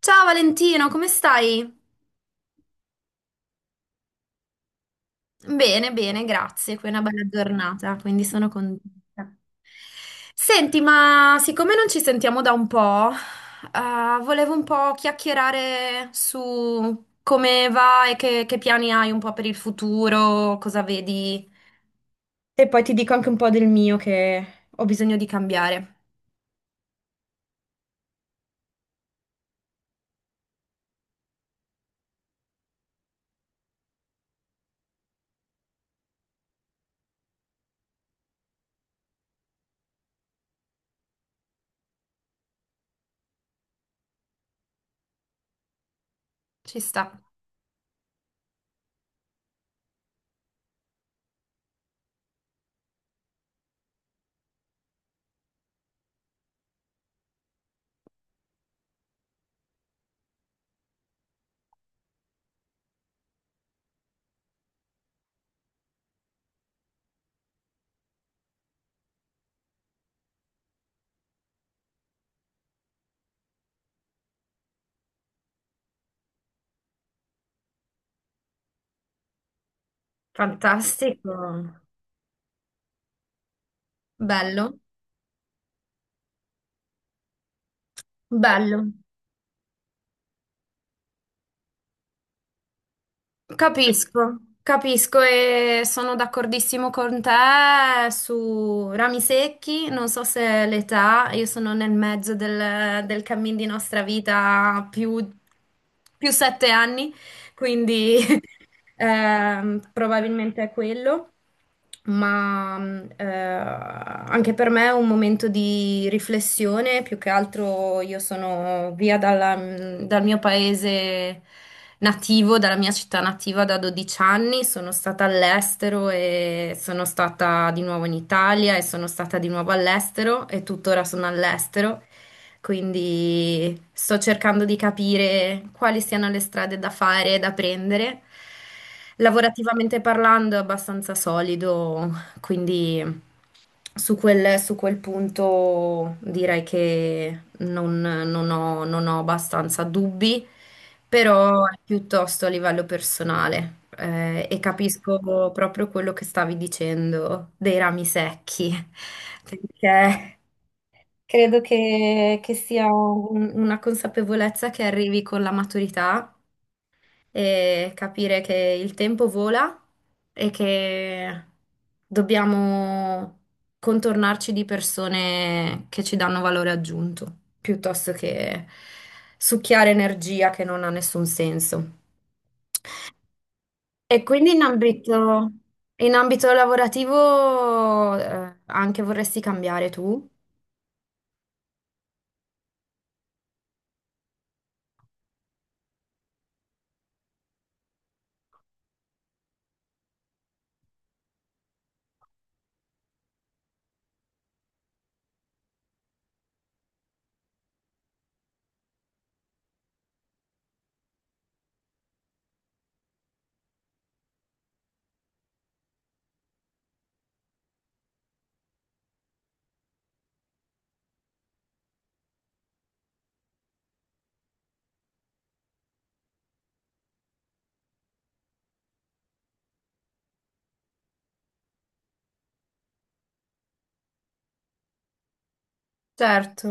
Ciao Valentino, come stai? Bene, bene, grazie. Qui è una bella giornata, quindi sono contenta. Senti, ma siccome non ci sentiamo da un po', volevo un po' chiacchierare su come va e che piani hai un po' per il futuro, cosa vedi. E poi ti dico anche un po' del mio che ho bisogno di cambiare. Ci sta. Fantastico. Bello, bello. Capisco, capisco e sono d'accordissimo con te su rami secchi, non so se l'età, io sono nel mezzo del cammin di nostra vita più, più 7 anni, quindi probabilmente è quello ma anche per me è un momento di riflessione, più che altro io sono via dal mio paese nativo, dalla mia città nativa da 12 anni, sono stata all'estero e sono stata di nuovo in Italia e sono stata di nuovo all'estero e tuttora sono all'estero. Quindi sto cercando di capire quali siano le strade da fare e da prendere. Lavorativamente parlando è abbastanza solido, quindi su quel punto direi che non ho, non ho abbastanza dubbi, però è piuttosto a livello personale. E capisco proprio quello che stavi dicendo dei rami secchi, perché credo che sia una consapevolezza che arrivi con la maturità e capire che il tempo vola e che dobbiamo contornarci di persone che ci danno valore aggiunto, piuttosto che succhiare energia che non ha nessun senso. E quindi in ambito lavorativo, anche vorresti cambiare tu? Certo,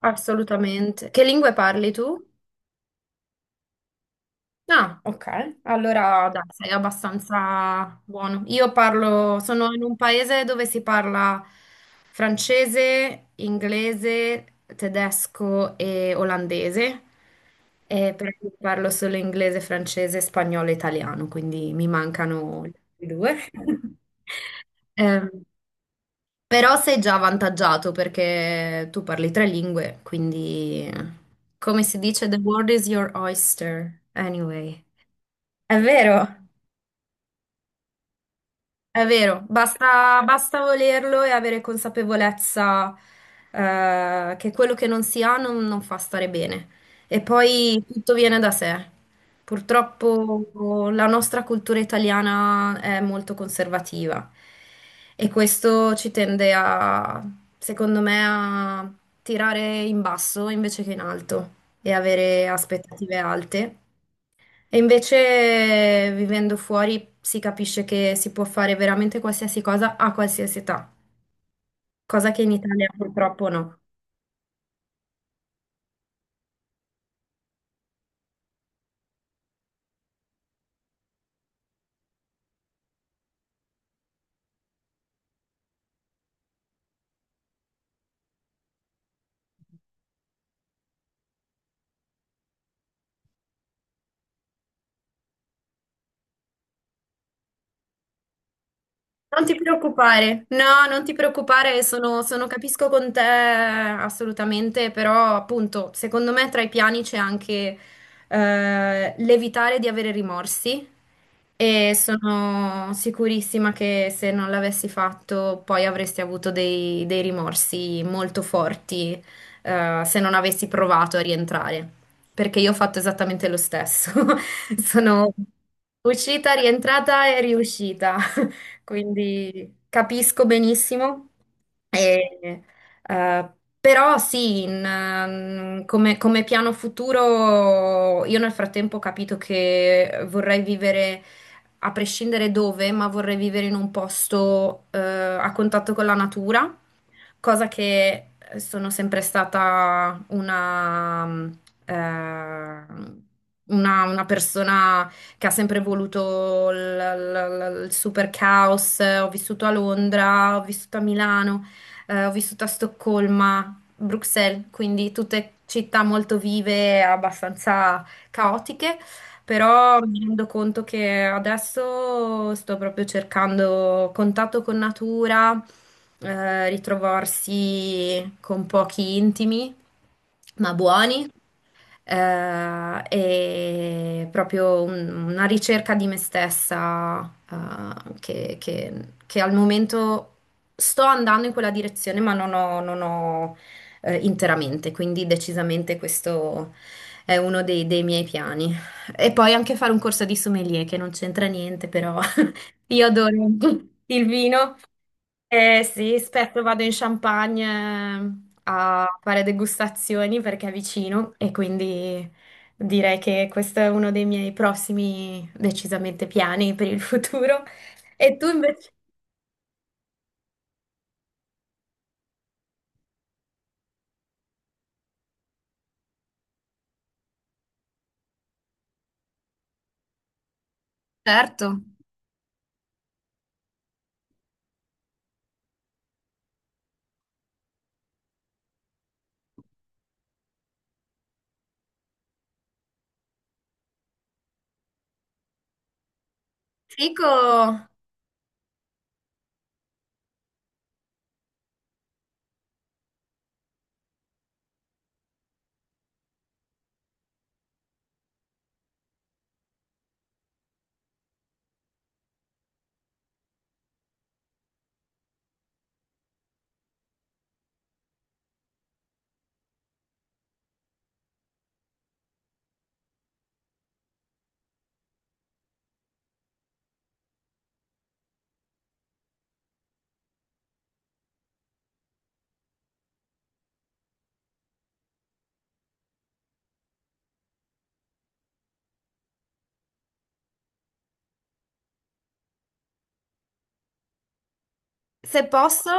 assolutamente. Che lingue parli tu? Ah, ok, allora dai, sei abbastanza buono. Io parlo, sono in un paese dove si parla francese, inglese, tedesco e olandese, e però io parlo solo inglese, francese, spagnolo e italiano, quindi mi mancano gli altri due. Ehm, Però sei già avvantaggiato perché tu parli 3 lingue, quindi come si dice, the world is your oyster, anyway. È vero, è vero, basta, basta volerlo e avere consapevolezza che quello che non si ha non fa stare bene. E poi tutto viene da sé. Purtroppo la nostra cultura italiana è molto conservativa e questo ci tende a, secondo me, a tirare in basso invece che in alto e avere aspettative alte. E invece vivendo fuori si capisce che si può fare veramente qualsiasi cosa a qualsiasi età, cosa che in Italia purtroppo no. Non ti preoccupare, no, non ti preoccupare, capisco con te assolutamente, però appunto, secondo me tra i piani c'è anche l'evitare di avere rimorsi e sono sicurissima che se non l'avessi fatto poi avresti avuto dei rimorsi molto forti se non avessi provato a rientrare, perché io ho fatto esattamente lo stesso, sono uscita, rientrata e riuscita, quindi capisco benissimo. E, eh, Però sì, come, come piano futuro io nel frattempo ho capito che vorrei vivere, a prescindere dove, ma vorrei vivere in un posto a contatto con la natura, cosa che sono sempre stata eh, una persona che ha sempre voluto il super caos. Ho vissuto a Londra, ho vissuto a Milano, ho vissuto a Stoccolma, Bruxelles, quindi tutte città molto vive e abbastanza caotiche. Però mi rendo conto che adesso sto proprio cercando contatto con natura, ritrovarsi con pochi intimi, ma buoni e proprio una ricerca di me stessa, che, che al momento sto andando in quella direzione, ma non ho, interamente, quindi decisamente questo è uno dei miei piani. E poi anche fare un corso di sommelier, che non c'entra niente, però io adoro il vino, eh sì, spesso vado in Champagne a fare degustazioni perché è vicino e quindi direi che questo è uno dei miei prossimi decisamente piani per il futuro. E tu invece? Certo. Fico! Se posso,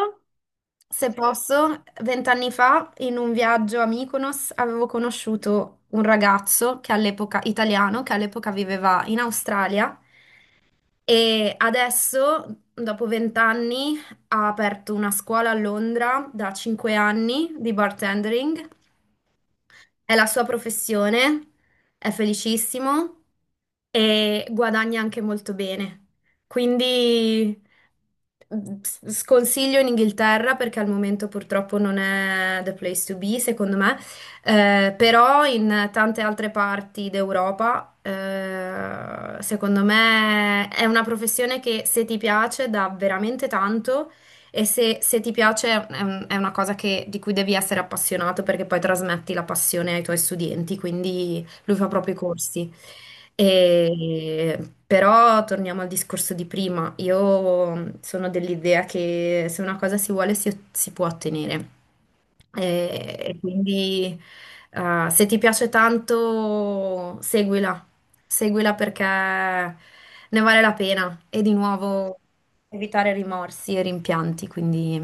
se posso, 20 anni fa in un viaggio a Mykonos avevo conosciuto un ragazzo che all'epoca, italiano, che all'epoca viveva in Australia e adesso, dopo 20 anni, ha aperto una scuola a Londra da 5 anni di bartendering, è la sua professione, è felicissimo e guadagna anche molto bene. Quindi mm, sconsiglio in Inghilterra perché al momento purtroppo non è the place to be, secondo me. Però in tante altre parti d'Europa, secondo me è una professione che se ti piace dà veramente tanto e se ti piace è è una cosa di cui devi essere appassionato perché poi trasmetti la passione ai tuoi studenti, quindi lui fa proprio i corsi. E- Però torniamo al discorso di prima, io mm, sono dell'idea che se una cosa si vuole si può ottenere. E quindi se ti piace tanto, seguila, seguila perché ne vale la pena. E di nuovo evitare rimorsi e rimpianti, quindi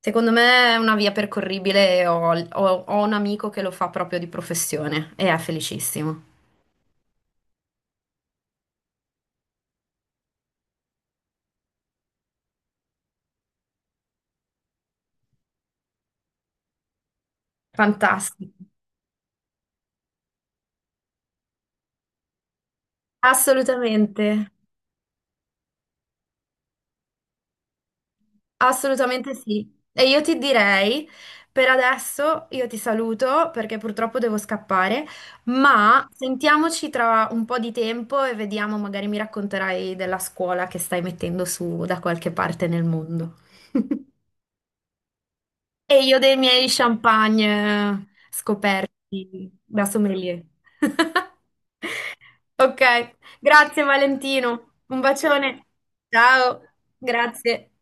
secondo me è una via percorribile. Ho un amico che lo fa proprio di professione e è felicissimo. Fantastico. Assolutamente, assolutamente sì. E io ti direi, per adesso io ti saluto perché purtroppo devo scappare, ma sentiamoci tra un po' di tempo e vediamo, magari mi racconterai della scuola che stai mettendo su da qualche parte nel mondo. E io dei miei champagne scoperti da sommelier. Ok, grazie Valentino. Un bacione. Ciao, grazie.